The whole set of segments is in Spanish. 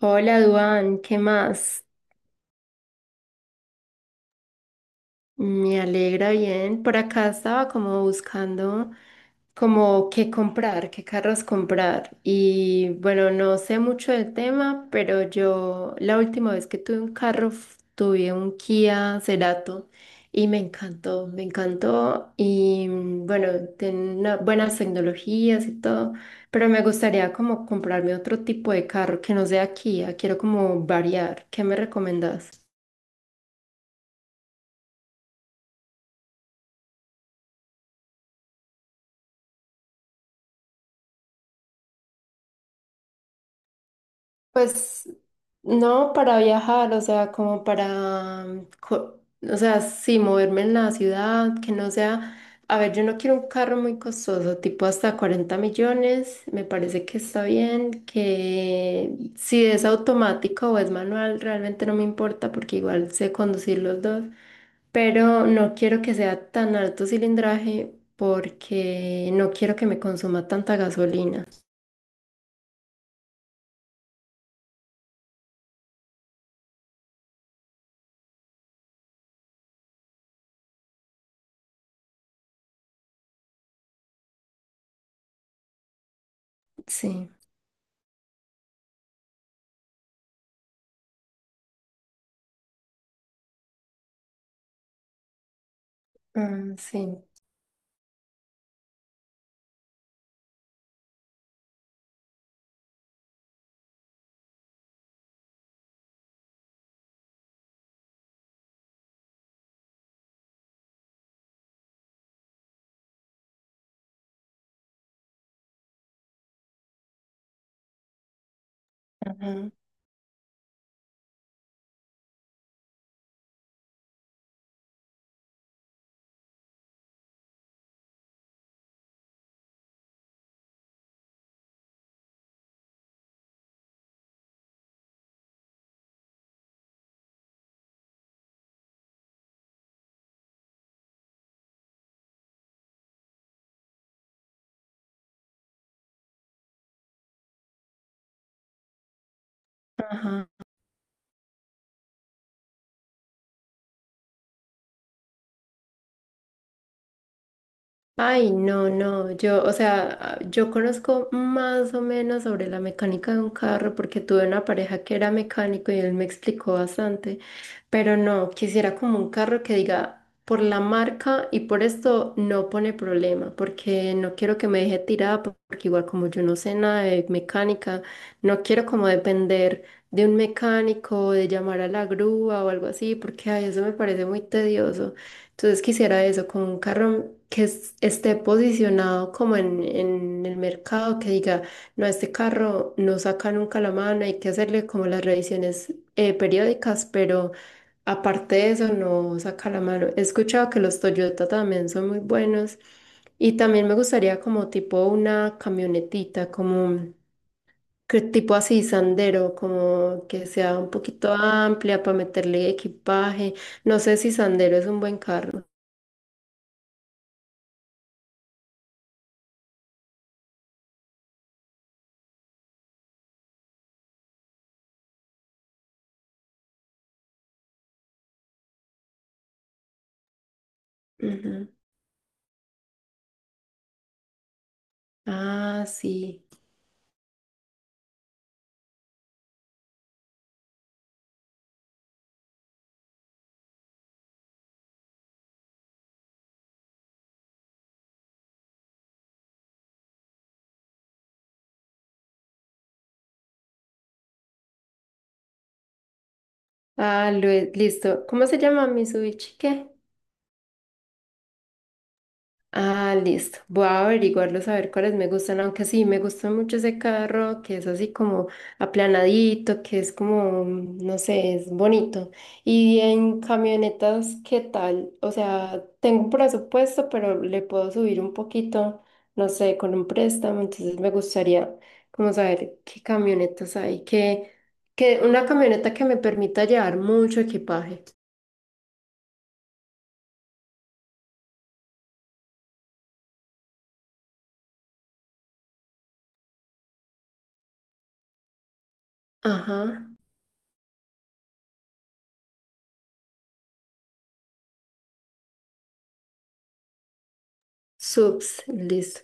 Hola, Duan, ¿qué más? Me alegra bien. Por acá estaba como buscando como qué comprar, qué carros comprar. Y bueno, no sé mucho del tema, pero yo la última vez que tuve un tuve un Kia Cerato y me encantó, me encantó. Y bueno, tiene buenas tecnologías y todo, pero me gustaría como comprarme otro tipo de carro que no sea Kia. Quiero como variar. ¿Qué me recomendás? Pues no para viajar, o sea, como para, o sea, sí, moverme en la ciudad, que no sea, a ver, yo no quiero un carro muy costoso, tipo hasta 40 millones, me parece que está bien, que si es automático o es manual, realmente no me importa porque igual sé conducir los dos, pero no quiero que sea tan alto cilindraje porque no quiero que me consuma tanta gasolina. Sí, ah, sí. Ajá. Ay, no, no, yo, o sea, yo conozco más o menos sobre la mecánica de un carro porque tuve una pareja que era mecánico y él me explicó bastante, pero no, quisiera como un carro que diga por la marca y por esto no pone problema, porque no quiero que me deje tirada, porque igual como yo no sé nada de mecánica, no quiero como depender de un mecánico, de llamar a la grúa o algo así, porque ay, eso me parece muy tedioso. Entonces quisiera eso, como un carro que esté posicionado como en el mercado, que diga, no, este carro no saca nunca la mano, hay que hacerle como las revisiones periódicas, pero aparte de eso no saca la mano. He escuchado que los Toyota también son muy buenos y también me gustaría como tipo una camionetita, como que tipo así Sandero, como que sea un poquito amplia para meterle equipaje. No sé si Sandero es un buen carro. Ujú. Ah, sí. Ah, listo. ¿Cómo se llama Mitsubishi? ¿Qué? Ah, listo. Voy a averiguarlos a ver cuáles me gustan, aunque sí, me gusta mucho ese carro que es así como aplanadito, que es como, no sé, es bonito. Y en camionetas, ¿qué tal? O sea, tengo un presupuesto, pero le puedo subir un poquito, no sé, con un préstamo, entonces me gustaría como saber qué camionetas hay, que una camioneta que me permita llevar mucho equipaje. Ajá, subs, listo.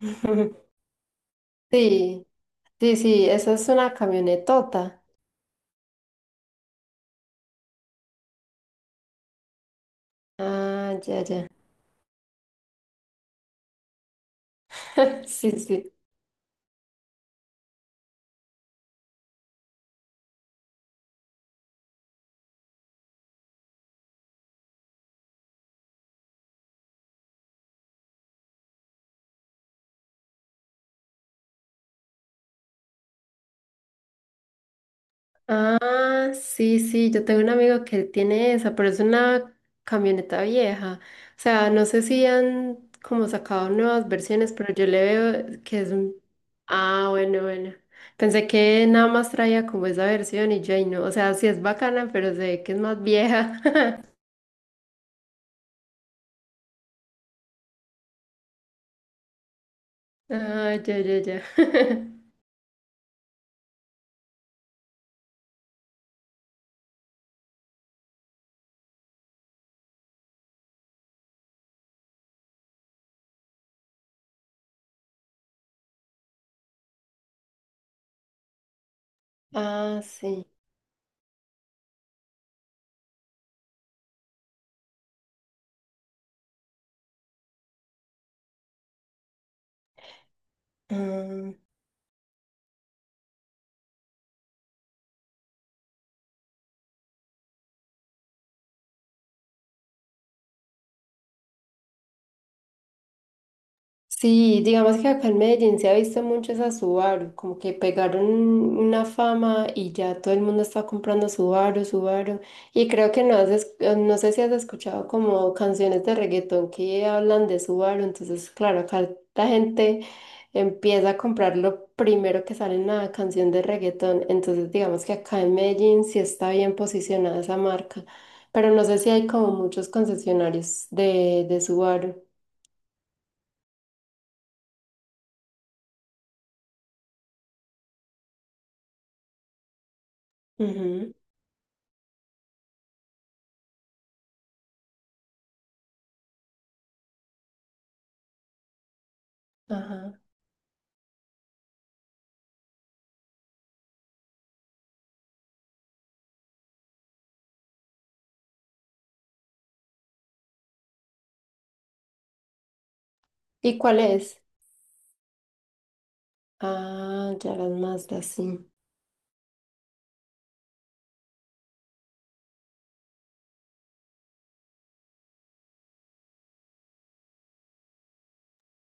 Sí. Sí, sí, eso es una camionetota. Ah, ya, ya. Sí, sí. Ah, sí, sí, yo tengo un amigo que él tiene esa, pero es una camioneta vieja. O sea, no sé si han como sacado nuevas versiones, pero yo le veo que es un... Ah, bueno, bueno. Pensé que nada más traía como esa versión y yo ahí no. O sea, sí es bacana, pero se ve que es más vieja. Ah, ya, ya, ya. Ah, sí. Ah. Sí, digamos que acá en Medellín se ha visto mucho esa Subaru, como que pegaron una fama y ya todo el mundo está comprando Subaru, Subaru. Y creo que no has, no sé si has escuchado como canciones de reggaetón que hablan de Subaru, entonces claro, acá la gente empieza a comprar lo primero que sale en la canción de reggaetón, entonces digamos que acá en Medellín sí está bien posicionada esa marca, pero no sé si hay como muchos concesionarios de Subaru. Ujú. Ajá. ¿Y cuál es? Ah, ya las Mazda, sí.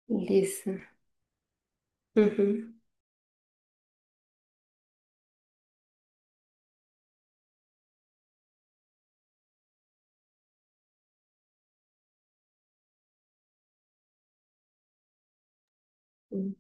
Listo. Ujú. Mm.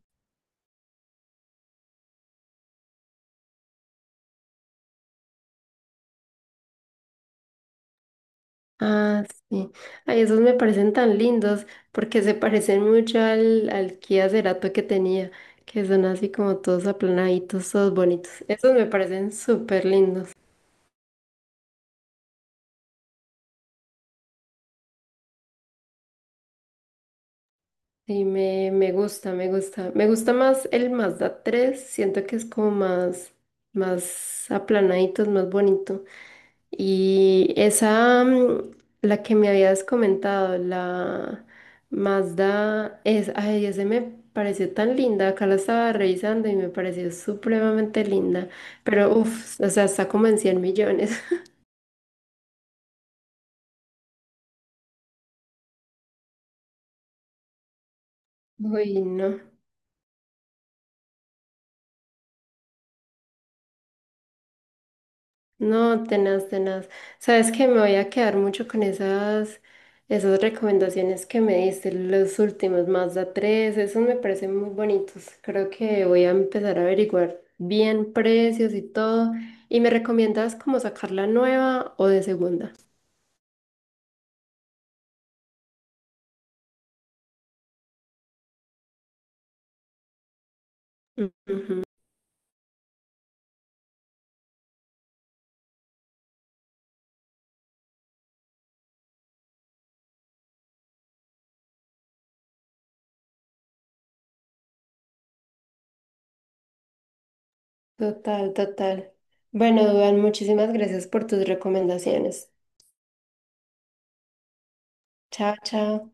Ah, sí. Ay, esos me parecen tan lindos porque se parecen mucho al Kia Cerato que tenía, que son así como todos aplanaditos, todos bonitos. Esos me parecen súper lindos. Sí, me gusta, me gusta. Me gusta más el Mazda 3. Siento que es como más, más aplanaditos, más bonito. Y esa, la que me habías comentado, la Mazda, es, ay, ese me pareció tan linda. Acá la estaba revisando y me pareció supremamente linda. Pero, uff, o sea, está como en 100 millones. Uy, no. No, tenaz, tenaz. Sabes que me voy a quedar mucho con esas recomendaciones que me diste, los últimos, Mazda 3, esos me parecen muy bonitos. Creo que voy a empezar a averiguar bien precios y todo. ¿Y me recomiendas como sacar la nueva o de segunda? Ujú. Total, total. Bueno, Duan, muchísimas gracias por tus recomendaciones. Chao, chao.